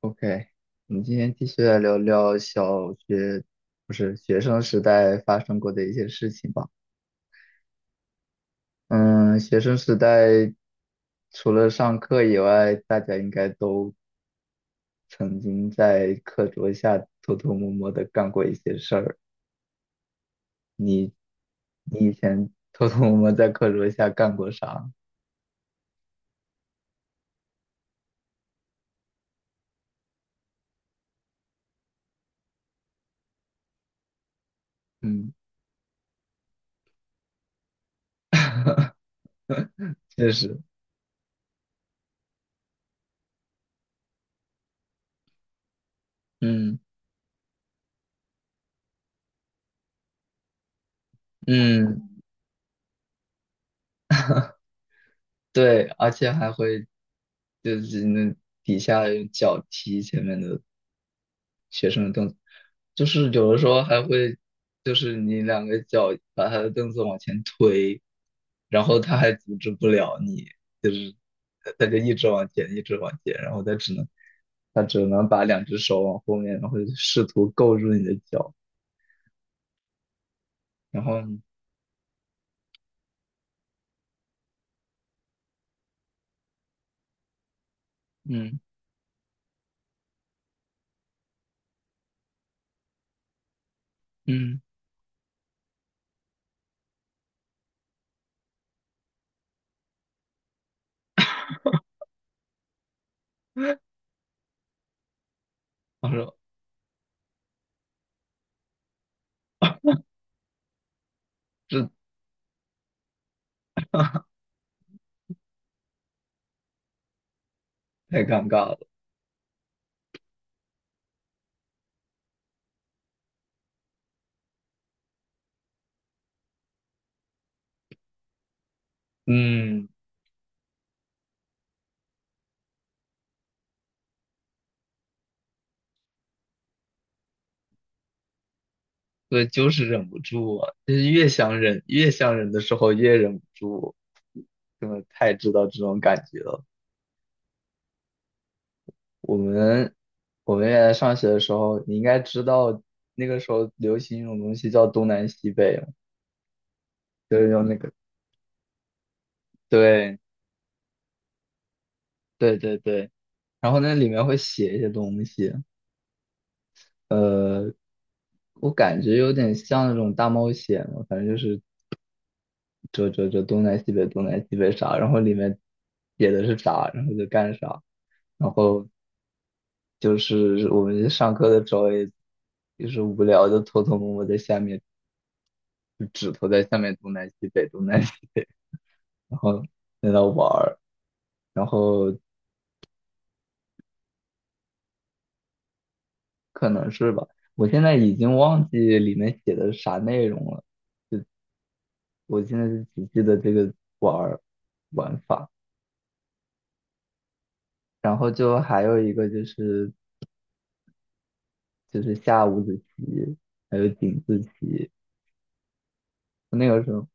OK，我们今天继续来聊聊小学，不是学生时代发生过的一些事情吧。嗯，学生时代除了上课以外，大家应该都曾经在课桌下偷偷摸摸的干过一些事儿。你，你以前偷偷摸摸在课桌下干过啥？嗯，确实，嗯嗯。对，而且还会就是那底下用脚踢前面的学生的凳子，就是有的时候还会就是你两个脚把他的凳子往前推，然后他还阻止不了你，就是他就一直往前，一直往前，然后他只能把两只手往后面，然后试图够住你的脚，然后嗯嗯，他说这 太尴尬了，嗯。对，就是忍不住啊，就是越想忍，越想忍的时候越忍不住，真的太知道这种感觉了。我们我们原来上学的时候，你应该知道那个时候流行一种东西叫东南西北嘛就是用那个，对对对对，然后那里面会写一些东西，呃，我感觉有点像那种大冒险嘛，反正就是这东南西北东南西北啥，然后里面写的是啥，然后就干啥。然后就是我们上课的时候也，就是无聊就偷偷摸摸在下面，就指头在下面东南西北东南西，然后在那玩儿，然后可能是吧，我现在已经忘记里面写的啥内容了，我现在就只记得这个玩儿玩法，然后就还有一个就是下五子棋，还有井字棋，那个时候。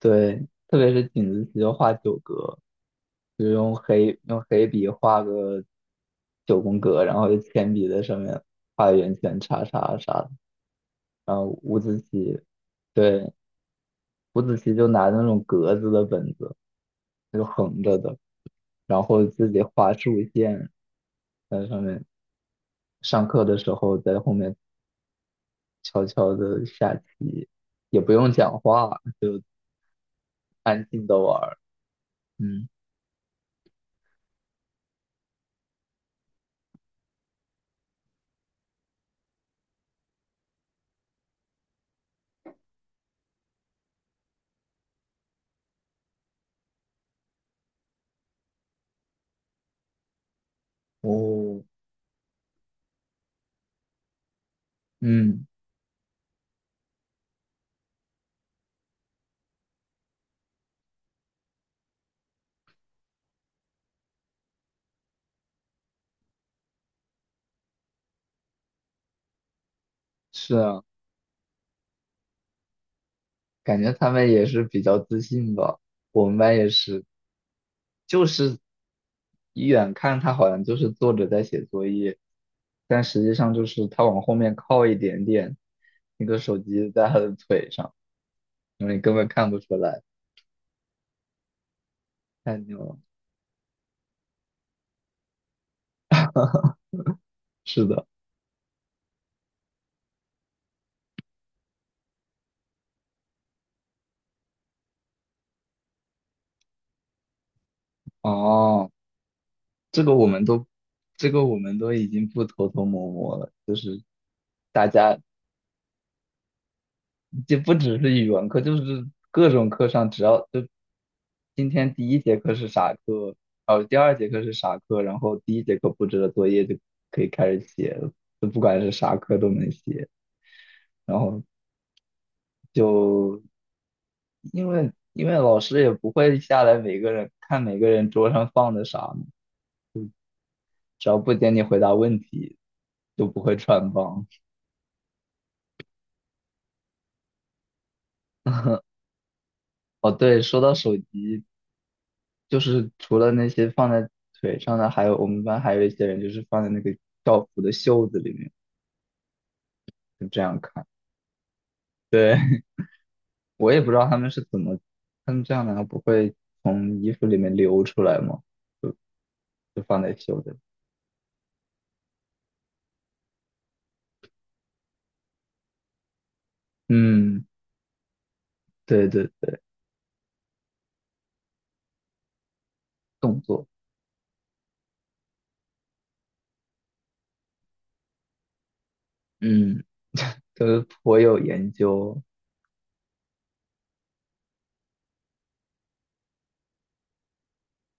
对，特别是井字棋就画九格，就是用黑笔画个九宫格，然后用铅笔在上面画圆圈、叉叉啥的。然后五子棋，对，五子棋就拿那种格子的本子，就横着的，然后自己画竖线在上面。上课的时候在后面悄悄的下棋，也不用讲话，就安静的玩儿。嗯哦，嗯，是啊。感觉他们也是比较自信吧。我们班也是，就是一眼看他好像就是坐着在写作业，但实际上就是他往后面靠一点点，那个手机在他的腿上，然后你根本看不出来。太牛了，是的，哦，这个我们都，这个我们都已经不偷偷摸摸了，就是。大家。就不只是语文课，就是各种课上，只要就今天第一节课是啥课，哦，第二节课是啥课，然后第一节课布置的作业就可以开始写了，就不管是啥课都能写。然后就因为老师也不会下来每个人看每个人桌上放的啥嘛只要不点你回答问题，就不会穿帮。哦，对，说到手机，就是除了那些放在腿上的，还有我们班还有一些人就是放在那个校服的袖子里面，就这样看。对，我也不知道他们是怎么，他们这样难道不会从衣服里面流出来吗？就就放在袖子里。嗯，对对对，动作，嗯，都颇有研究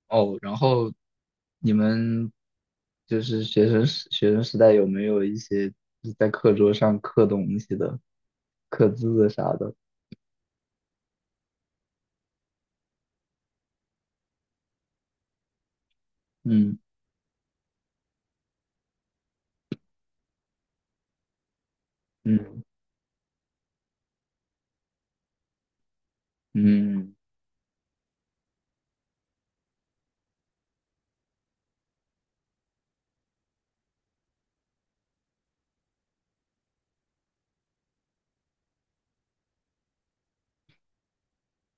哦。然后你们就是学生时代有没有一些就是在课桌上刻东西的、刻字的啥的？嗯。嗯嗯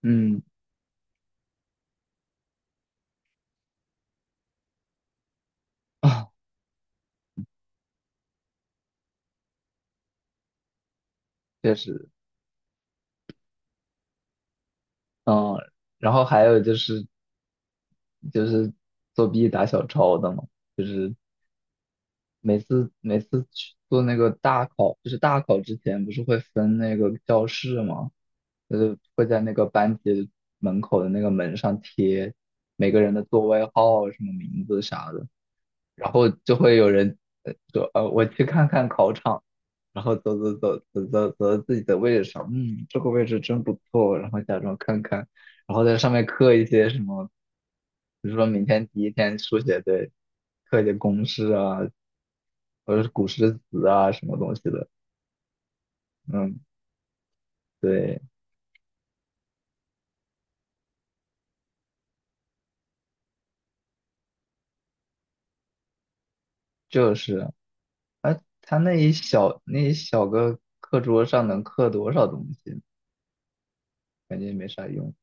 嗯啊，确实，啊，然后还有就是就是作弊打小抄的嘛，就是每次去做那个大考，就是大考之前不是会分那个教室嘛，就是会在那个班级门口的那个门上贴每个人的座位号、什么名字啥的。然后就会有人呃说，呃，我去看看考场，然后走走走走走走到自己的位置上，嗯，这个位置真不错，然后假装看看，然后在上面刻一些什么，比如说明天第一天数学对，刻一些公式啊，或者是古诗词啊什么东西的，嗯，对，就是，哎，他那一小那一小个课桌上能刻多少东西，感觉也没啥用，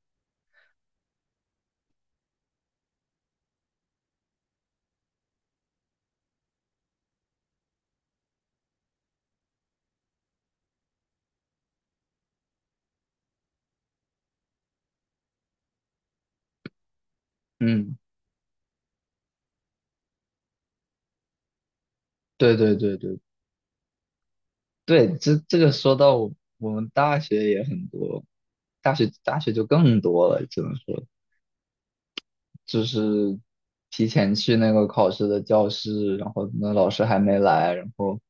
嗯，对对对对对，这这个说到我们大学也很多，大学就更多了，只能说就是提前去那个考试的教室，然后那老师还没来，然后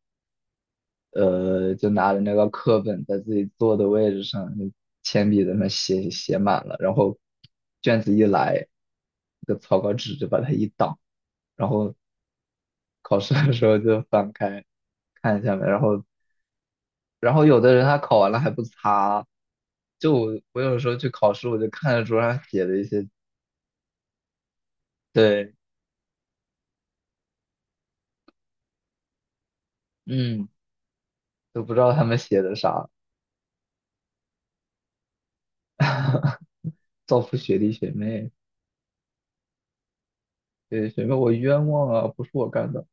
就拿着那个课本在自己坐的位置上，就铅笔在那写满了，然后卷子一来，那个草稿纸就把它一挡，然后考试的时候就翻开看一下嘛，然后有的人他考完了还不擦，就我有时候去考试，我就看着桌上写的一些，对，嗯，都不知道他们写的啥，造福学弟学妹，对，学妹我冤枉啊，不是我干的。